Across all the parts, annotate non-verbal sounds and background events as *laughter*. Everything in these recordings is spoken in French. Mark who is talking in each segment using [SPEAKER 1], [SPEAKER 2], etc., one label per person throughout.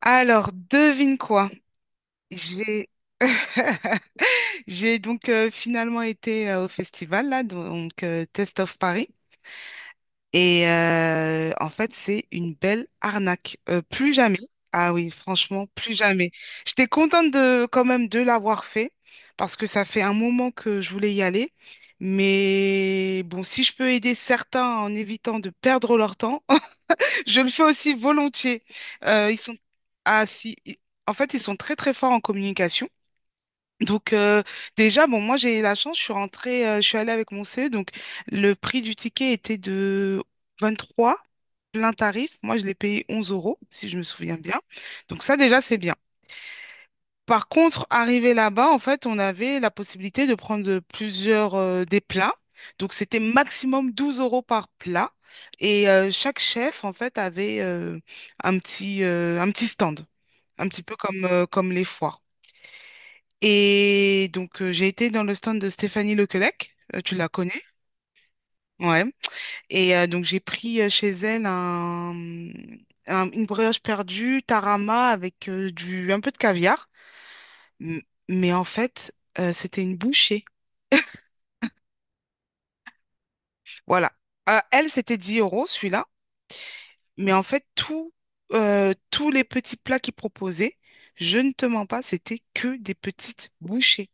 [SPEAKER 1] Alors, devine quoi? J'ai *laughs* J'ai donc finalement été au festival là, donc Test of Paris. Et en fait, c'est une belle arnaque. Plus jamais. Ah oui, franchement, plus jamais. J'étais contente de quand même de l'avoir fait parce que ça fait un moment que je voulais y aller. Mais bon, si je peux aider certains en évitant de perdre leur temps, je le fais aussi volontiers. Ils sont ah, si, i- En fait, ils sont très très forts en communication. Donc euh, Déjà, bon, moi j'ai eu la chance, je suis allée avec mon CE, donc le prix du ticket était de 23, plein tarif. Moi, je l'ai payé 11 euros, si je me souviens bien. Donc ça déjà, c'est bien. Par contre, arrivé là-bas, en fait, on avait la possibilité de prendre plusieurs des plats. Donc, c'était maximum 12 euros par plat. Et chaque chef, en fait, avait un petit stand, un petit peu comme les foires. Et donc, j'ai été dans le stand de Stéphanie Lequelec. Tu la connais? Ouais. Et donc, j'ai pris chez elle une brioche perdue, tarama avec un peu de caviar. M- Mais en fait, c'était une bouchée. Voilà. Elle, c'était 10 euros, celui-là. Mais en fait, tous les petits plats qu'ils proposaient, je ne te mens pas, c'était que des petites bouchées.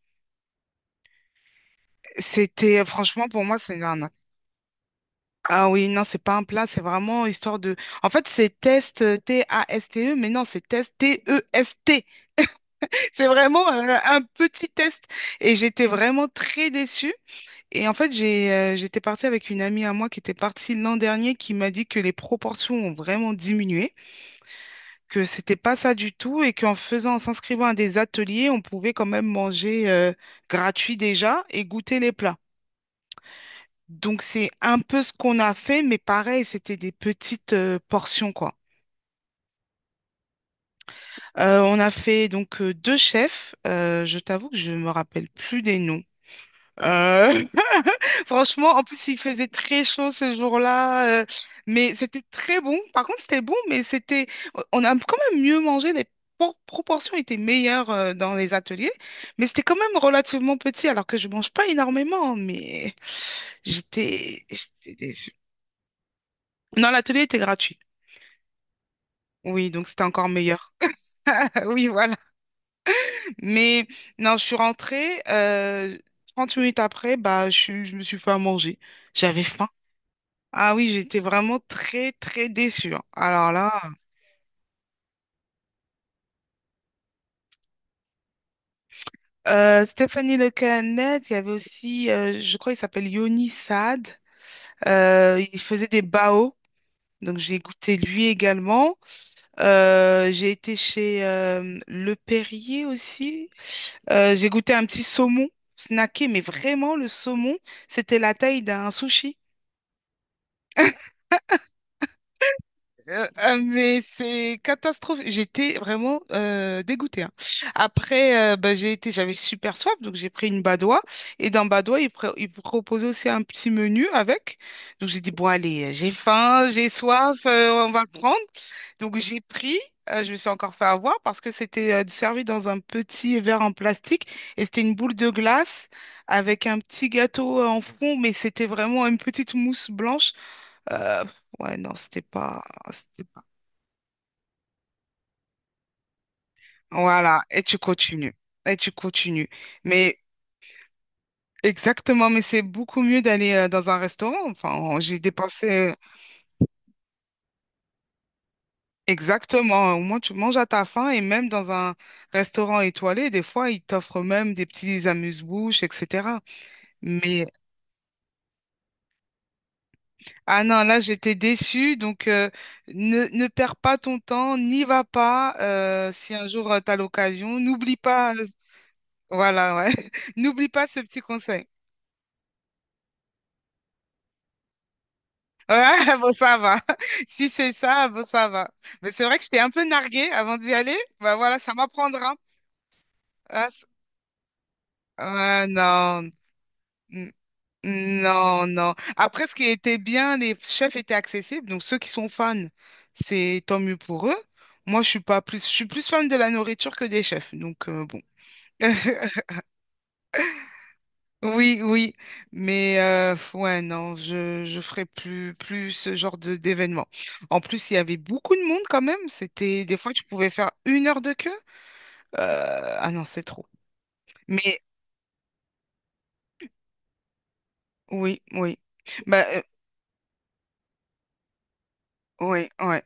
[SPEAKER 1] Franchement, pour moi, c'est une arnaque. Ah oui, non, c'est pas un plat, c'est vraiment histoire de. En fait, c'est test TASTE, mais non, c'est test TEST. *laughs* C'est vraiment un petit test. Et j'étais vraiment très déçue. Et en fait, j'étais partie avec une amie à moi qui était partie l'an dernier qui m'a dit que les proportions ont vraiment diminué, que c'était pas ça du tout et qu'en faisant, en s'inscrivant à des ateliers, on pouvait quand même manger gratuit déjà et goûter les plats. Donc c'est un peu ce qu'on a fait, mais pareil, c'était des petites portions quoi. On a fait donc deux chefs. Je t'avoue que je me rappelle plus des noms. Euh, *laughs* Franchement, en plus, il faisait très chaud ce jour-là, mais c'était très bon. Par contre, c'était bon, on a quand même mieux mangé, les proportions étaient meilleures dans les ateliers, mais c'était quand même relativement petit, alors que je mange pas énormément, mais *sighs* j'étais déçue. Non, l'atelier était gratuit. Oui, donc c'était encore meilleur. *laughs* Oui, voilà. Mais non, je suis rentrée, 30 minutes après, bah, je me suis fait à manger. J'avais faim. Ah oui, j'étais vraiment très, très déçue, hein. Alors là, Stéphanie Lecannet, il y avait aussi, je crois, il s'appelle Yoni Saad. Il faisait des bao, donc j'ai goûté lui également. J'ai été chez Le Perrier aussi. J'ai goûté un petit saumon snacké, mais vraiment, le saumon, c'était la taille d'un sushi. Ah, mais c'est catastrophique. J'étais vraiment dégoûtée, hein. Après, bah, j'avais super soif, donc j'ai pris une badoie. Et dans badoie, ils proposaient aussi un petit menu avec. Donc j'ai dit, bon, allez, j'ai faim, j'ai soif, on va le prendre. Donc je me suis encore fait avoir parce que c'était servi dans un petit verre en plastique et c'était une boule de glace avec un petit gâteau en fond, mais c'était vraiment une petite mousse blanche. Euh, ouais, non, c'était pas. Voilà, et tu continues. Et tu continues. Mais exactement, mais c'est beaucoup mieux d'aller dans un restaurant. Enfin, j'ai dépensé exactement. Au moins, tu manges à ta faim et même dans un restaurant étoilé, des fois, ils t'offrent même des petits amuse-bouches, etc. Mais, ah non, là, j'étais déçue. Donc, ne perds pas ton temps, n'y va pas. Si un jour, tu as l'occasion, n'oublie pas. Voilà, ouais. *laughs* N'oublie pas ce petit conseil. Ouais, *laughs* bon, ça va. *laughs* Si c'est ça, bon, ça va. Mais c'est vrai que j'étais un peu narguée avant d'y aller. Bah voilà, ça m'apprendra. Ah, ouais, non, N- non, non. Après, ce qui était bien, les chefs étaient accessibles. Donc, ceux qui sont fans, c'est tant mieux pour eux. Moi, je suis pas plus, je suis plus fan de la nourriture que des chefs. Donc, bon. *laughs* Oui, oui, mais ouais, non, je ferai plus ce genre de d'événement. En plus, il y avait beaucoup de monde quand même. C'était des fois, tu pouvais faire 1 heure de queue. Ah non, c'est trop. Mais oui, oui, bah oui, ouais.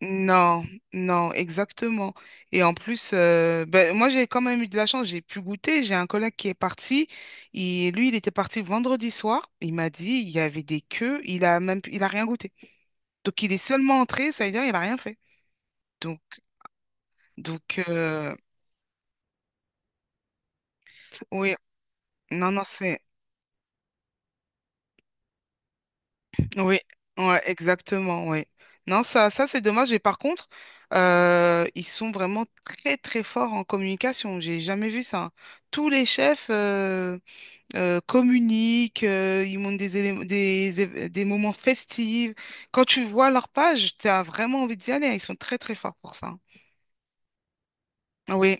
[SPEAKER 1] Non, non, exactement. Et en plus, bah, moi, j'ai quand même eu de la chance. J'ai pu goûter. J'ai un collègue qui est parti. Il, lui, il était parti vendredi soir. Il m'a dit, il y avait des queues. Il a rien goûté. Donc il est seulement entré, ça veut dire il a rien fait. Donc, donc, oui, non, non, c'est. Oui, ouais, exactement, oui. Non, ça c'est dommage. Et par contre, ils sont vraiment très, très forts en communication. J'ai jamais vu ça. Tous les chefs communiquent, ils montrent des, élé- des, év- des moments festifs. Quand tu vois leur page, tu as vraiment envie d'y aller, hein. Ils sont très, très forts pour ça. Oui,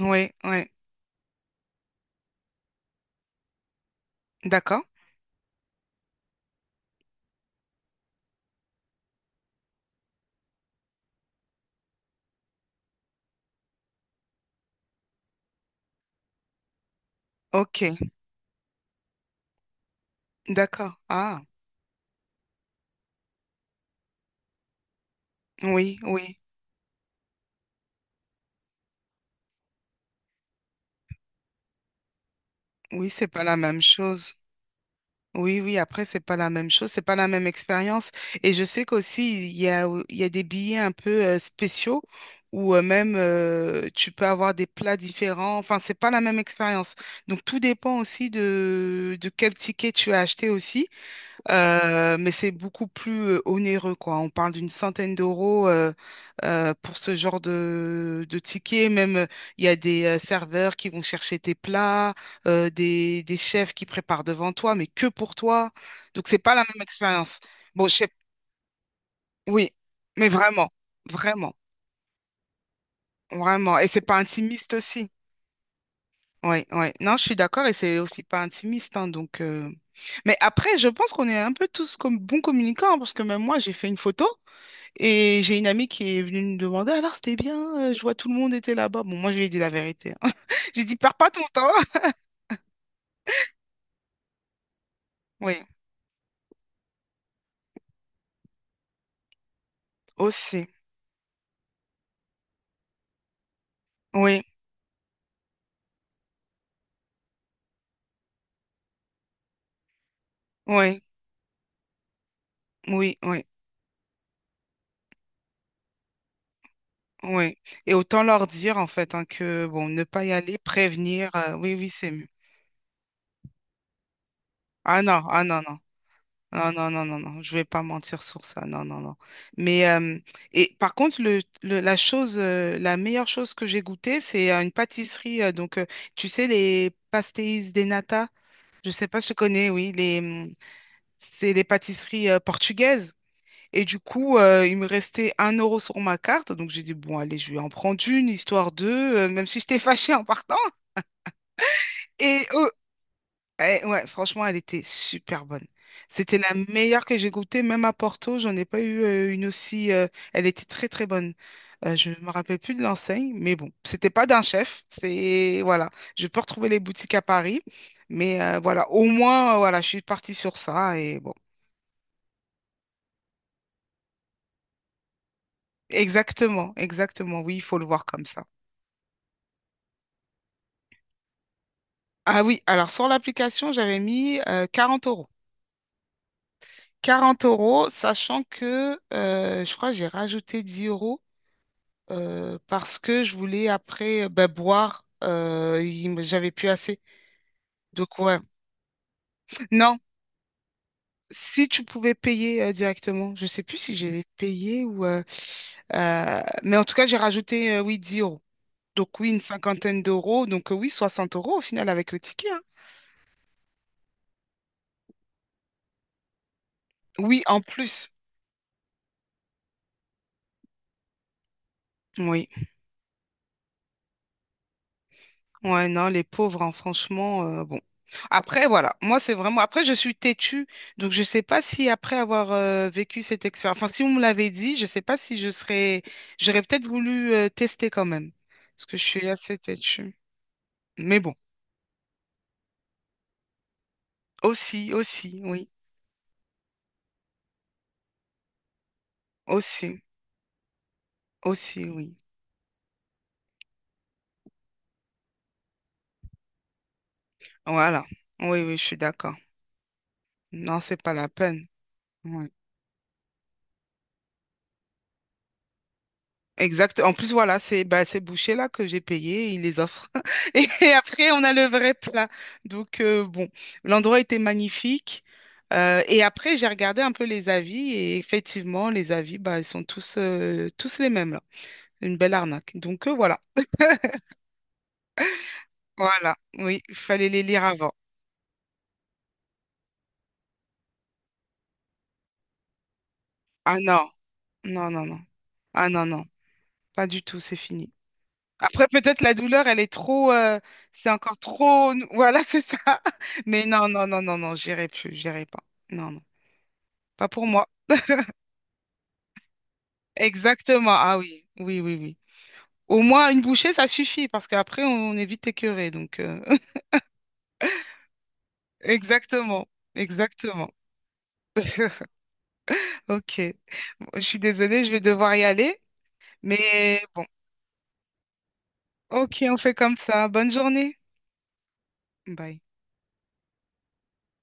[SPEAKER 1] oui, oui. D'accord. Ok, d'accord. Ah, oui, oui. Oui, c'est pas la même chose. Oui, oui, après, c'est pas la même chose, c'est pas la même expérience. Et je sais qu'aussi, il y a des billets un peu spéciaux où même tu peux avoir des plats différents. Enfin, c'est pas la même expérience. Donc, tout dépend aussi de quel ticket tu as acheté aussi. Mais c'est beaucoup plus onéreux, quoi. On parle d'une centaine d'euros pour ce genre de ticket. Même, il y a des serveurs qui vont chercher tes plats, des chefs qui préparent devant toi, mais que pour toi. Donc, c'est pas la même expérience. Bon, je sais, oui, mais vraiment, vraiment, vraiment. Et c'est pas intimiste aussi. Oui, oui. Non, je suis d'accord, et c'est aussi pas intimiste, hein, donc. Mais après, je pense qu'on est un peu tous comme bons communicants, hein, parce que même moi, j'ai fait une photo. Et j'ai une amie qui est venue me demander, alors c'était bien, je vois tout le monde était là-bas. Bon, moi je lui ai dit la vérité, hein. *laughs* J'ai dit, perds pas ton temps. *laughs* Oui, aussi. Oui, oui, oui, oui, oui. Et autant leur dire en fait hein, que bon, ne pas y aller, prévenir, oui, oui, c'est mieux. Ah non, ah non, non. Non, non, non, non, non, je vais pas mentir sur ça, non, non, non. Mais, et par contre, la meilleure chose que j'ai goûtée, c'est une pâtisserie, donc, tu sais, les pastéis de nata, Je sais pas si tu connais, oui, c'est les pâtisseries portugaises. Et du coup, il me restait 1 euro sur ma carte. Donc, j'ai dit, bon, allez, je vais en prendre une, histoire de, même si j'étais fâchée en partant. Et ouais, franchement, elle était super bonne. C'était la meilleure que j'ai goûtée, même à Porto, j'en ai pas eu une aussi. Elle était très, très bonne. Je me rappelle plus de l'enseigne, mais bon, c'était pas d'un chef. C'est, voilà, je peux retrouver les boutiques à Paris. Mais voilà, au moins, voilà, je suis partie sur ça et bon. Exactement, exactement. Oui, il faut le voir comme ça. Ah oui, alors sur l'application, j'avais mis 40 euros. 40 euros, sachant que je crois que j'ai rajouté 10 euros parce que je voulais après ben, boire. J'avais plus assez. Donc ouais. Non, si tu pouvais payer directement, je sais plus si j'avais payé ou. Mais en tout cas, j'ai rajouté oui, 10 euros. Donc oui, une cinquantaine d'euros. Donc oui, 60 euros au final avec le ticket, hein. Oui, en plus. Oui. Ouais, non, les pauvres, hein, franchement, bon. Après, voilà, moi, c'est vraiment. Après, je suis têtue, donc je sais pas si après avoir vécu cette expérience, enfin, si on me l'avait dit, je sais pas si je serais. J'aurais peut-être voulu tester quand même, parce que je suis assez têtue. Mais bon, aussi, aussi, oui, aussi, aussi, oui. Voilà, oui, oui, je suis d'accord. Non, c'est pas la peine. Ouais. Exact. En plus, voilà, c'est bah, ces bouchées-là que j'ai payées, ils les offrent. *laughs* Et après, on a le vrai plat. Donc, bon, l'endroit était magnifique. Et après, j'ai regardé un peu les avis et effectivement, les avis, bah, ils sont tous, tous les mêmes, là. Une belle arnaque. Donc, voilà. Voilà. Oui, il fallait les lire avant. Ah non, non, non, non. Ah non, non. Pas du tout, c'est fini. Après, peut-être la douleur, c'est encore trop, *laughs* voilà, c'est ça. *laughs* Mais non, non, non, non, non, j'irai plus, j'irai pas. Non, non, pas pour moi. Exactement. Ah oui, oui, oui, oui. Au moins une bouchée, ça suffit parce qu'après, on est vite écœuré. Donc, *laughs* exactement, exactement. Ok. Bon, je suis désolée, je vais devoir y aller. Mais bon, ok, on fait comme ça. Bonne journée. Bye.